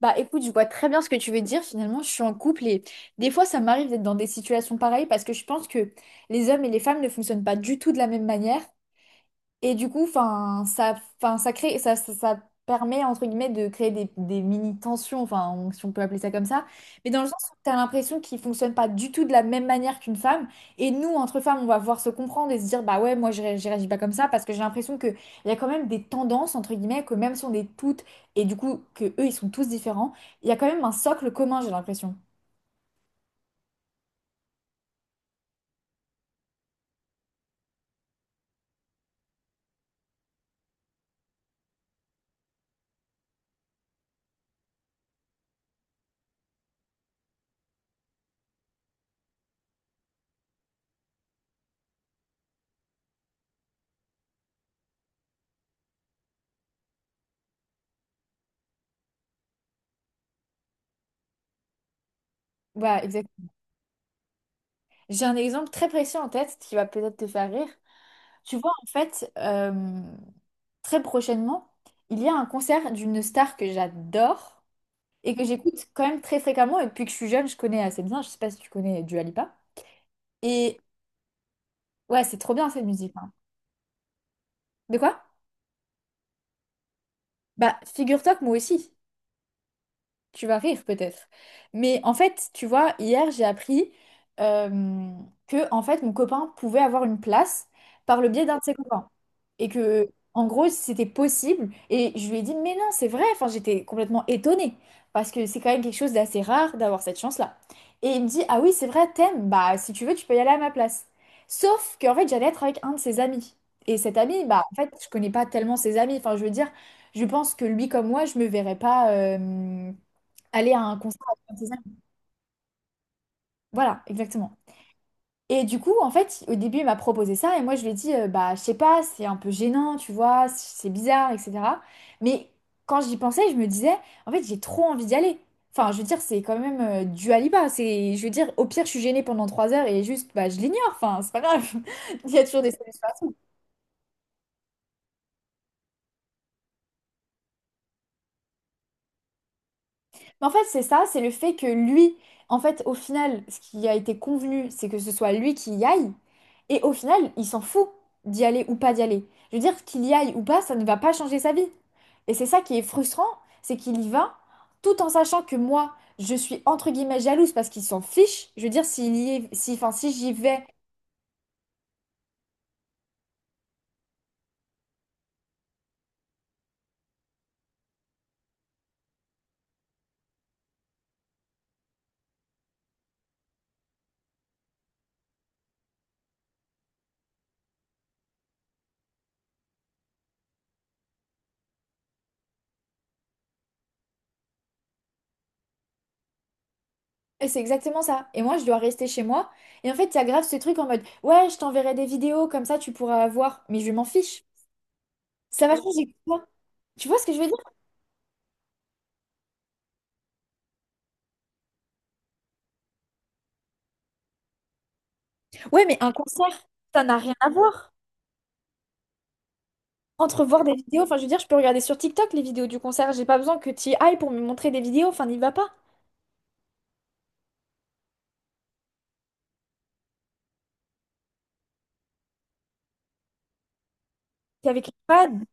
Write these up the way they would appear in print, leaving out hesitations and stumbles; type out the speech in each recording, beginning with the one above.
Bah écoute, je vois très bien ce que tu veux dire. Finalement, je suis en couple et des fois, ça m'arrive d'être dans des situations pareilles parce que je pense que les hommes et les femmes ne fonctionnent pas du tout de la même manière. Et du coup, enfin, enfin, ça permet entre guillemets de créer des mini tensions, enfin, si on peut appeler ça comme ça. Mais dans le sens où t'as l'impression qu'ils fonctionnent pas du tout de la même manière qu'une femme. Et nous, entre femmes, on va voir se comprendre et se dire, bah ouais, moi, je réagis pas comme ça parce que j'ai l'impression que il y a quand même des tendances entre guillemets que même si on est toutes et du coup que eux, ils sont tous différents, il y a quand même un socle commun, j'ai l'impression. Bah, exact. J'ai un exemple très précis en tête qui va peut-être te faire rire. Tu vois, en fait, très prochainement, il y a un concert d'une star que j'adore et que j'écoute quand même très fréquemment. Et depuis que je suis jeune, je connais assez bien. Je sais pas si tu connais Dua Lipa. Et ouais, c'est trop bien cette musique, hein. De quoi? Bah, figure-toi que moi aussi. Tu vas rire peut-être. Mais en fait, tu vois, hier, j'ai appris euh, que en fait, mon copain pouvait avoir une place par le biais d'un de ses copains. Et que, en gros, c'était possible. Et je lui ai dit, mais non, c'est vrai. Enfin, j'étais complètement étonnée. Parce que c'est quand même quelque chose d'assez rare d'avoir cette chance-là. Et il me dit, ah oui, c'est vrai, t'aimes. Bah, si tu veux, tu peux y aller à ma place. Sauf qu'en fait, j'allais être avec un de ses amis. Et cet ami, bah, en fait, je connais pas tellement ses amis. Enfin, je veux dire, je pense que lui, comme moi, je me verrais pas, aller à un concert à 36 ans. Voilà, exactement. Et du coup, en fait, au début, il m'a proposé ça et moi, je lui ai dit, bah, je sais pas, c'est un peu gênant, tu vois, c'est bizarre, etc. Mais quand j'y pensais, je me disais, en fait, j'ai trop envie d'y aller. Enfin, je veux dire, c'est quand même du Aliba. C'est, je veux dire, au pire, je suis gênée pendant 3 heures et juste, bah, je l'ignore. Enfin, c'est pas grave. Il y a toujours des solutions. Mais en fait, c'est ça, c'est le fait que lui, en fait, au final, ce qui a été convenu, c'est que ce soit lui qui y aille. Et au final, il s'en fout d'y aller ou pas d'y aller. Je veux dire, qu'il y aille ou pas, ça ne va pas changer sa vie. Et c'est ça qui est frustrant, c'est qu'il y va, tout en sachant que moi, je suis entre guillemets jalouse parce qu'il s'en fiche. Je veux dire, s'il y est, si, enfin, si j'y vais, et c'est exactement ça. Et moi, je dois rester chez moi. Et en fait, il y a grave ce truc en mode, ouais, je t'enverrai des vidéos, comme ça, tu pourras voir. Mais je m'en fiche. Ça va changer quoi? Tu vois ce que je veux dire? Ouais, mais un concert, ça n'a rien à voir. Entre voir des vidéos, enfin, je veux dire, je peux regarder sur TikTok les vidéos du concert. J'ai pas besoin que tu y ailles pour me montrer des vidéos. Enfin, n'y va pas. T'es avec une fan.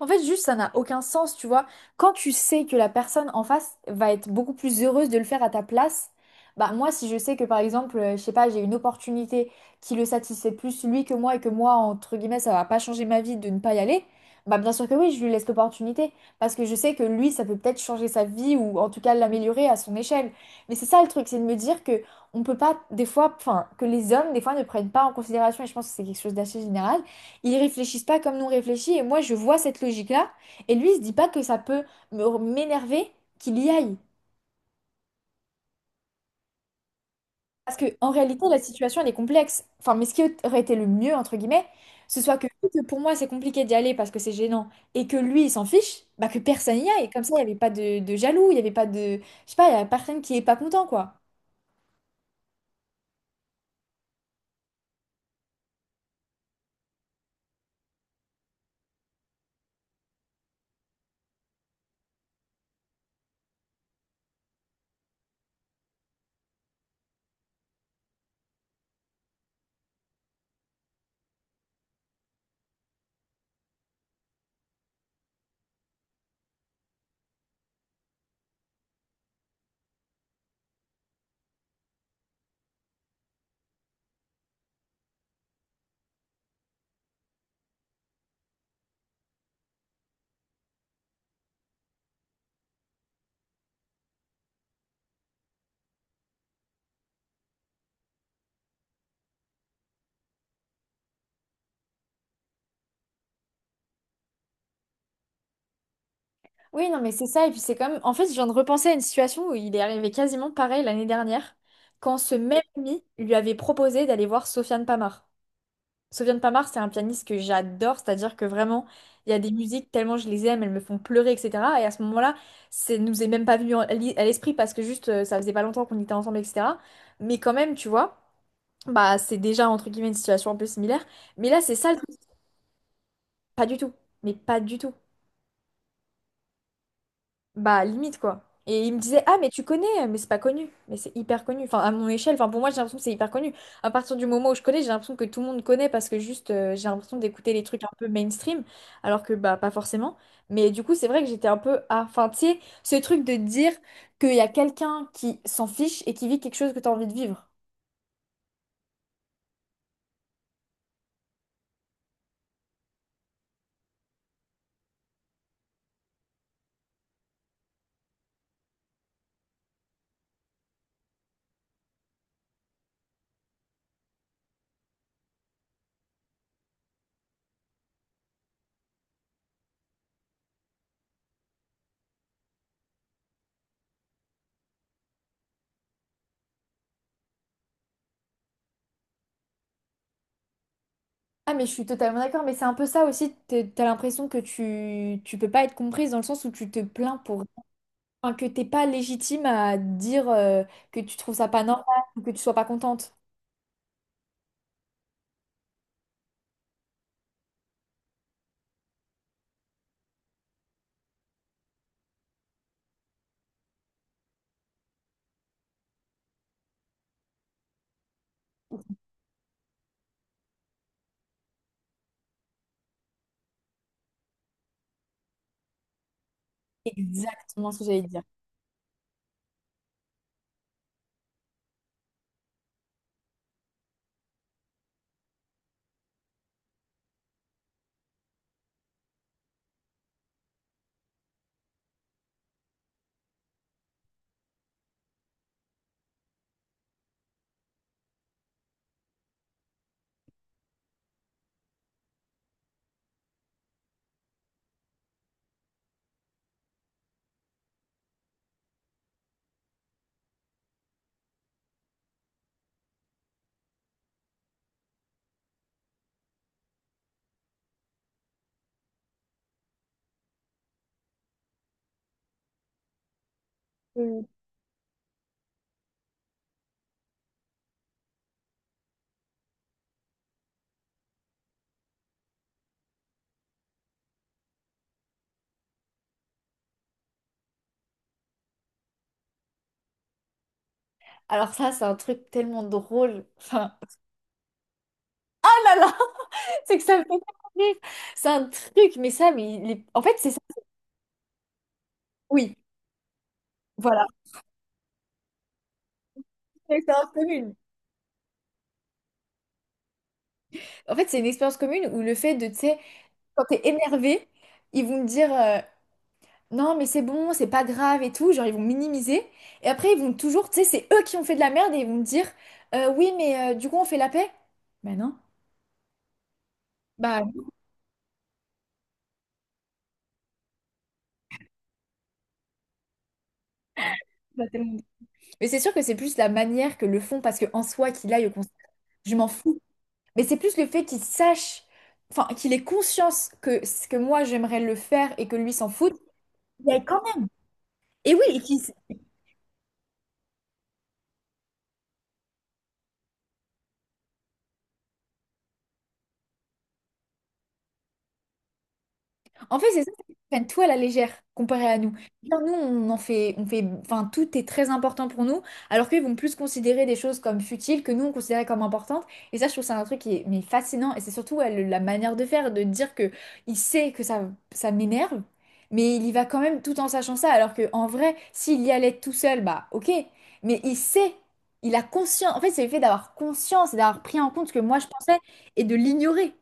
En fait, juste, ça n'a aucun sens, tu vois. Quand tu sais que la personne en face va être beaucoup plus heureuse de le faire à ta place, bah moi, si je sais que par exemple, je sais pas, j'ai une opportunité qui le satisfait plus lui que moi et que moi, entre guillemets, ça va pas changer ma vie de ne pas y aller, bah bien sûr que oui, je lui laisse l'opportunité parce que je sais que lui, ça peut peut-être changer sa vie ou en tout cas l'améliorer à son échelle. Mais c'est ça le truc, c'est de me dire que on peut pas, des fois, enfin, que les hommes, des fois, ne prennent pas en considération, et je pense que c'est quelque chose d'assez général. Ils réfléchissent pas comme nous on réfléchit et moi je vois cette logique-là et lui il se dit pas que ça peut m'énerver qu'il y aille. Parce que en réalité la situation elle est complexe. Enfin mais ce qui aurait été le mieux entre guillemets, ce soit que, vu que pour moi c'est compliqué d'y aller parce que c'est gênant et que lui il s'en fiche, bah que personne y aille. Comme ça il n'y avait pas de jaloux, il n'y avait pas Je sais pas, il n'y avait personne qui est pas content quoi. Oui non mais c'est ça et puis. En fait je viens de repenser à une situation où il est arrivé quasiment pareil l'année dernière quand ce même ami lui avait proposé d'aller voir Sofiane Pamar. Sofiane Pamart, c'est un pianiste que j'adore, c'est-à-dire que vraiment, il y a des musiques tellement je les aime, elles me font pleurer, etc. Et à ce moment-là, ça nous est même pas venu à l'esprit parce que juste, ça faisait pas longtemps qu'on était ensemble, etc. Mais quand même, tu vois, bah c'est déjà entre guillemets une situation un peu similaire. Mais là, c'est ça le truc. Pas du tout. Mais pas du tout. Bah, limite, quoi. Et il me disait, ah, mais tu connais, mais c'est pas connu. Mais c'est hyper connu. Enfin, à mon échelle, enfin, pour moi, j'ai l'impression que c'est hyper connu. À partir du moment où je connais, j'ai l'impression que tout le monde connaît parce que juste, j'ai l'impression d'écouter les trucs un peu mainstream, alors que, bah, pas forcément. Mais du coup, c'est vrai que j'étais un peu, ah, enfin, tu sais, ce truc de dire qu'il y a quelqu'un qui s'en fiche et qui vit quelque chose que t'as envie de vivre. Ah, mais je suis totalement d'accord, mais c'est un peu ça aussi. T'as l'impression que tu peux pas être comprise dans le sens où tu te plains pour. Enfin, que t'es pas légitime à dire que tu trouves ça pas normal ou que tu sois pas contente. Exactement ce que j'allais dire. Alors ça, c'est un truc tellement drôle. Enfin, oh là là, c'est que ça me fait tellement rire. C'est un truc, mais ça, mais en fait, c'est ça. Oui, voilà. C'est une expérience commune. En fait, c'est une expérience commune où le fait de, tu sais, quand t'es énervé, ils vont me dire non, mais c'est bon, c'est pas grave et tout. Genre, ils vont minimiser. Et après, ils vont toujours, tu sais, c'est eux qui ont fait de la merde et ils vont me dire oui, mais du coup, on fait la paix. Ben non. Bah, oui, pas tellement. Mais c'est sûr que c'est plus la manière que le font, parce que en soi, qu'il aille au concert, je m'en fous. Mais c'est plus le fait qu'il sache, enfin, qu'il ait conscience que ce que moi, j'aimerais le faire et que lui s'en fout. Il y a quand même... Et oui, et qu'il En fait, c'est ça, c'est qu'ils prennent tout à la légère comparé à nous. Bien, nous, on fait, enfin, tout est très important pour nous, alors qu'ils vont plus considérer des choses comme futiles que nous, on considérait comme importantes. Et ça, je trouve que c'est un truc qui est mais fascinant. Et c'est surtout ouais, la manière de faire, de dire que il sait que ça m'énerve, mais il y va quand même tout en sachant ça. Alors que en vrai, s'il y allait tout seul, bah ok. Mais il sait, il a conscience. En fait, c'est le fait d'avoir conscience et d'avoir pris en compte ce que moi je pensais et de l'ignorer.